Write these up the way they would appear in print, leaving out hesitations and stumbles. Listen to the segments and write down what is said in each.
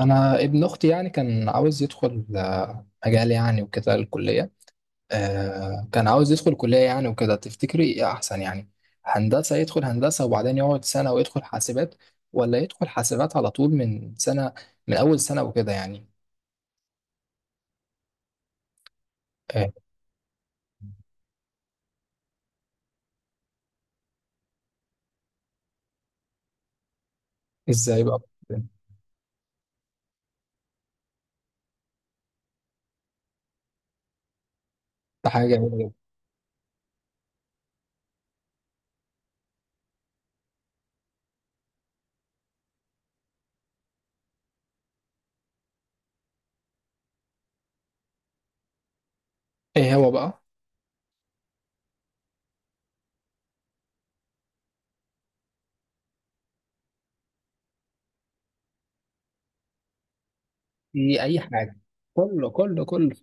انا ابن اختي يعني كان عاوز يدخل مجال يعني وكده الكليه. كان عاوز يدخل كليه يعني وكده، تفتكري ايه احسن يعني؟ هندسه، يدخل هندسه وبعدين يقعد سنه ويدخل حاسبات، ولا يدخل حاسبات على طول من سنه، من اول سنه وكده يعني. آه، ازاي بقى؟ ده حاجه جميله جدا. ايه هو بقى؟ في اي حاجه. كله كله كله.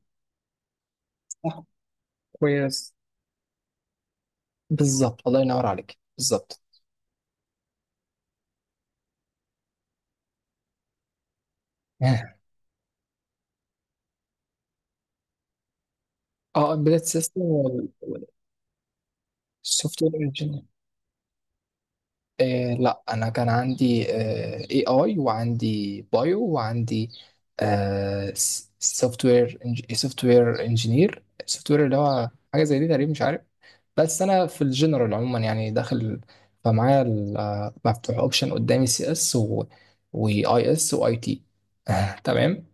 صح. كويس. بالظبط، الله ينور عليك، بالظبط. اه، امبيدد سيستم والسوفت وير. إيه، لا انا كان عندي اي اي، وعندي بايو، وعندي سوفت وير. سوفت وير انجينير، سوفت وير اللي هو حاجه زي دي تقريبا، مش عارف. بس انا في الجنرال عموما يعني داخل. فمعايا مفتوح اوبشن قدامي سي اس، واي اس، واي تي. تمام.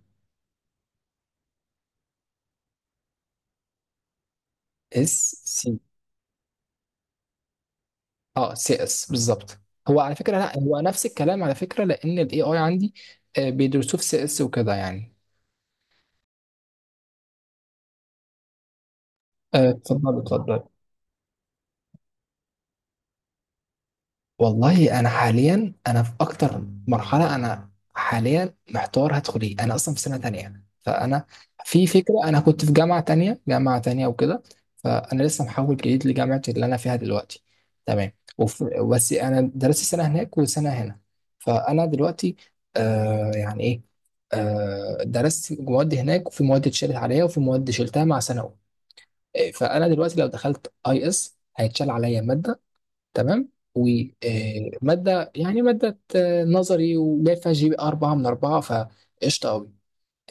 اس سي، اه، سي اس بالظبط. هو على فكره، لا، هو نفس الكلام على فكره، لان الاي اي عندي بيدرسوه في سي اس وكده يعني. اتفضل اتفضل. والله انا حاليا، انا في اكتر مرحله، انا حاليا محتار هدخل ايه. انا اصلا في سنه تانية يعني. فانا في فكره، انا كنت في جامعه تانية، وكده. فانا لسه محول جديد لجامعه اللي انا فيها دلوقتي. تمام. بس انا درست سنه هناك وسنه هنا. فانا دلوقتي، آه، يعني ايه، آه، درست مواد هناك، وفي مواد اتشالت عليا، وفي مواد شلتها مع سنه أولى. فانا دلوقتي لو دخلت اي اس هيتشال عليا ماده، تمام، ومادة، يعني مادة نظري، وجايب فيها جي بي 4/4، فقشطة أوي.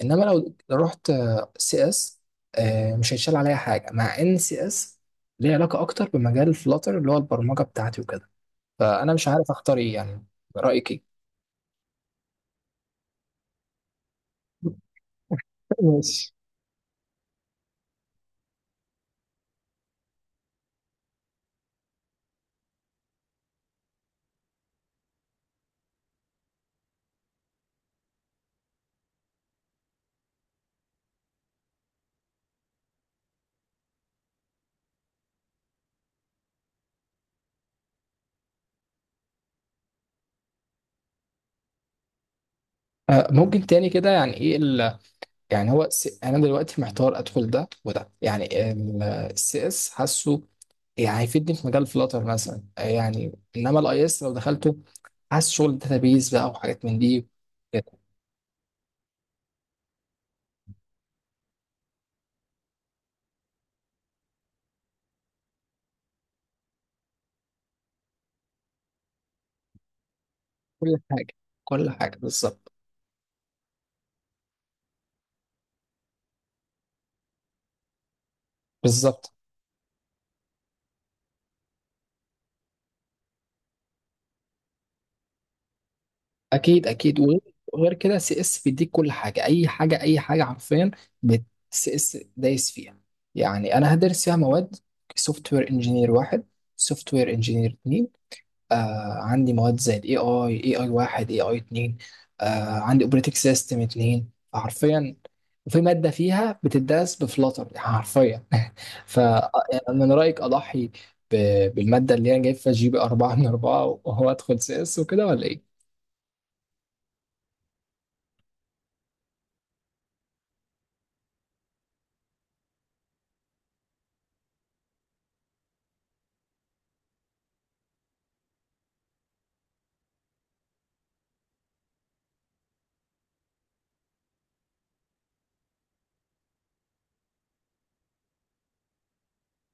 إنما لو رحت سي إس، مش هيتشال عليا حاجة، مع إن سي إس ليه علاقة أكتر بمجال فلاتر اللي هو البرمجة بتاعتي وكده. فأنا مش عارف أختار إيه يعني. رأيك إيه؟ ماشي. ممكن تاني كده، يعني إيه؟ يعني هو انا دلوقتي محتار ادخل ده وده يعني. السي اس حاسه يعني هيفيدني في مجال فلاتر مثلا يعني، انما الاي اس لو دخلته حاسس شغل داتابيز بقى وحاجات من دي. كده. كل حاجه، كل حاجه بالظبط، بالظبط. اكيد اكيد، وغير، وغير كده سي اس بيديك كل حاجه، اي حاجه، اي حاجه حرفيا. سي اس دايس فيها. يعني انا هدرس فيها مواد: سوفت وير انجينير واحد، سوفت وير انجينير اتنين، آه، عندي مواد زي الاي اي، اي اي واحد، اي اي اتنين، آه، عندي اوبريتنج سيستم اتنين، فحرفيا. وفي مادة فيها بتدرس بفلاتر، يعني حرفيا. فمن رأيك أضحي بالمادة اللي أنا جايب فيها جي بي 4/4، وهو أدخل سي إس وكده، ولا إيه؟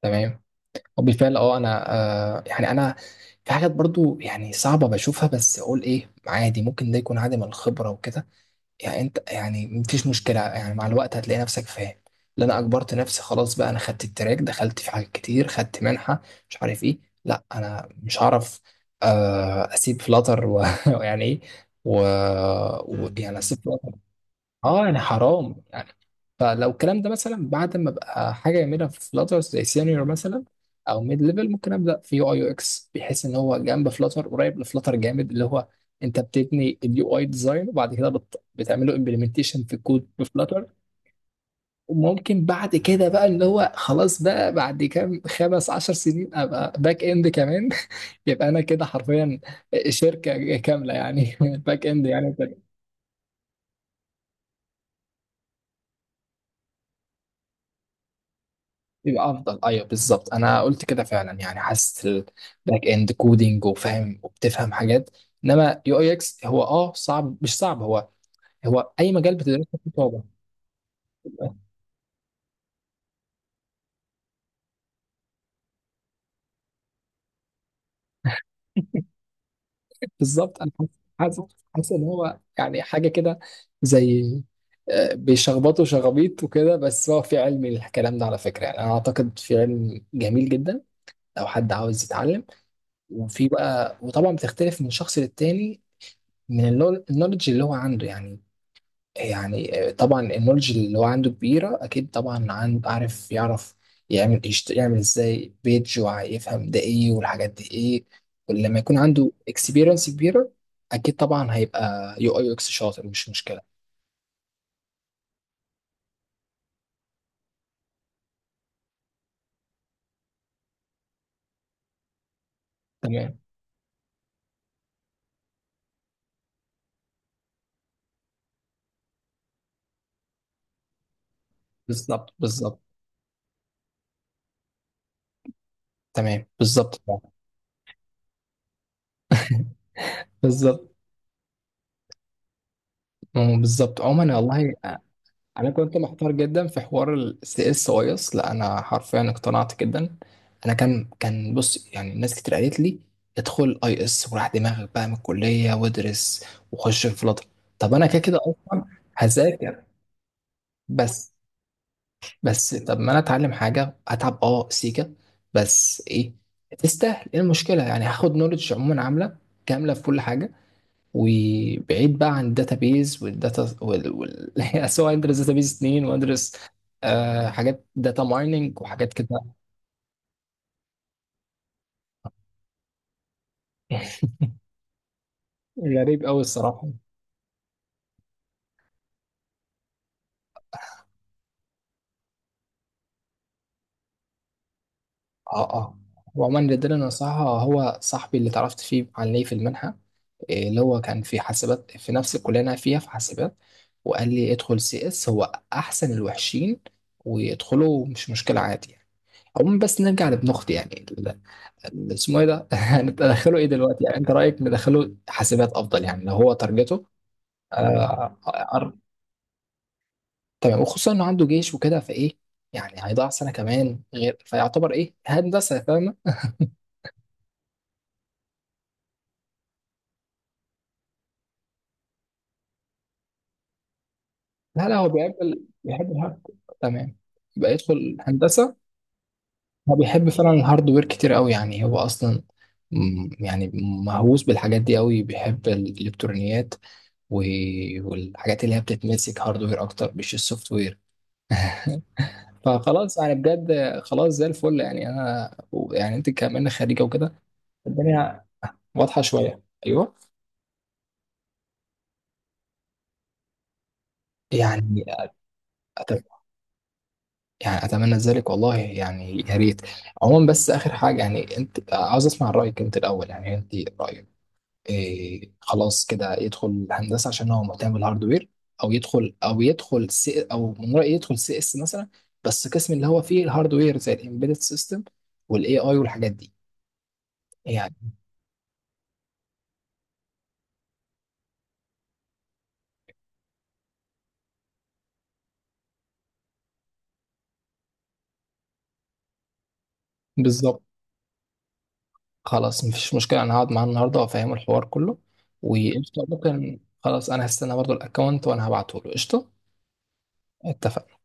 تمام. وبالفعل، أه، أنا، آه، يعني أنا، في حاجات برضو يعني صعبة بشوفها، بس أقول إيه، عادي، ممكن ده يكون عادي من الخبرة وكده يعني. انت يعني مفيش مشكلة، يعني مع الوقت هتلاقي نفسك فاهم. لا، انا اجبرت نفسي خلاص بقى، انا خدت التراك، دخلت في حاجات كتير، خدت منحة، مش عارف ايه. لا انا مش هعرف اسيب فلاتر ويعني ايه؟ و... يعني اسيب فلاتر؟ اه يعني حرام. يعني فلو الكلام ده مثلا بعد ما ابقى حاجه يعملها في فلاتر زي سينيور مثلا، او ميد ليفل، ممكن ابدا في يو اي يو اكس، بحيث ان هو جنب فلاتر، قريب لفلاتر جامد، اللي هو انت بتبني اليو اي ديزاين، وبعد كده بتعمله امبلمنتيشن في الكود في فلاتر. وممكن بعد كده بقى اللي هو خلاص بقى، بعد كام 15 سنين، ابقى باك اند كمان. يبقى انا كده حرفيا شركه كامله يعني. باك اند يعني. يبقى افضل، ايوه بالظبط، انا قلت كده فعلا يعني. حاسس الباك اند كودينج وفاهم وبتفهم حاجات. انما يو اي اكس هو، اه، صعب، مش صعب، هو، هو اي مجال بتدرسه فيه صعوبه. بالظبط. انا حاسس، ان هو يعني حاجه كده، زي بيشخبطوا شخابيط وكده، بس هو في علم، الكلام ده على فكره يعني، انا اعتقد في علم جميل جدا لو حد عاوز يتعلم. وفي بقى، وطبعا بتختلف من شخص للتاني، من النولج اللي هو عنده يعني. يعني طبعا النولج اللي هو عنده كبيرة، أكيد طبعا، عند عارف يعرف يعمل يعمل إزاي بيج، ويفهم ده إيه والحاجات دي إيه. ولما يكون عنده اكسبيرينس كبيرة، أكيد طبعا هيبقى يو أي يو إكس شاطر، مش مشكلة. تمام، بالظبط بالظبط. تمام بالظبط بالظبط. مم، بالظبط. عموما والله، انا كنت محتار جدا في حوار السي اس وايس. لا انا حرفيا اقتنعت جدا. انا كان بص، يعني ناس كتير قالت لي ادخل اي اس وراح دماغك بقى من الكليه، وادرس وخش في فلاتر. طب انا كده كده اصلا هذاكر. بس بس طب ما انا اتعلم حاجه هتعب اه سيكه، بس ايه تستاهل. ايه المشكله يعني؟ هاخد نولج عموما عامله كامله في كل حاجه. وبعيد بقى عن الداتابيز والداتا وال... وال... يعني سواء ادرس داتابيز اتنين، وادرس آه حاجات داتا مايننج وحاجات كده. غريب قوي الصراحه. اه اه. وعموما اللي اداني نصيحه هو صاحبي اللي اتعرفت فيه عليه في المنحه. إيه، اللي هو كان في حاسبات، في نفس الكليه اللي انا فيها في حاسبات. وقال لي ادخل سي اس هو احسن الوحشين، ويدخلوا مش مشكله عادي يعني. عموما، بس نرجع لابن اختي يعني، اسمه ايه ده؟ ندخله ايه دلوقتي يعني؟ انت رايك ندخله حاسبات افضل يعني، لو هو تارجته؟ آه أر- تمام. وخصوصا انه عنده جيش وكده، فايه يعني؟ هيضيع سنه كمان، غير فيعتبر ايه هندسه، فاهمه. لا لا، هو بيحب ال... بيحب الهارد. تمام، يبقى يدخل هندسه. هو بيحب فعلا الهاردوير كتير قوي يعني، هو اصلا يعني مهووس بالحاجات دي قوي، بيحب الالكترونيات والحاجات اللي هي بتتمسك هاردوير اكتر، مش السوفت وير. فخلاص يعني، بجد خلاص زي الفل، يعني انا، يعني انت كمان خريجه وكده، الدنيا واضحه شويه، ايوه. يعني أت- يعني اتمنى ذلك والله يعني، يا ريت. عموما بس اخر حاجه، يعني انت عاوز اسمع رايك انت الاول، يعني انت رايك إيه؟ خلاص كده يدخل هندسه عشان هو مهتم بالهاردوير، او يدخل، او يدخل سي، او من رايي يدخل سي اس مثلا، بس قسم اللي هو فيه الهاردوير زي الامبيدد سيستم والاي اي والحاجات دي يعني. بالظبط. خلاص مفيش مشكلة، أنا هقعد معاه النهاردة وأفهمه الحوار كله. مم. وقشطة، ممكن خلاص، أنا هستنى برضو الأكونت وأنا هبعته له، قشطة. اتفق.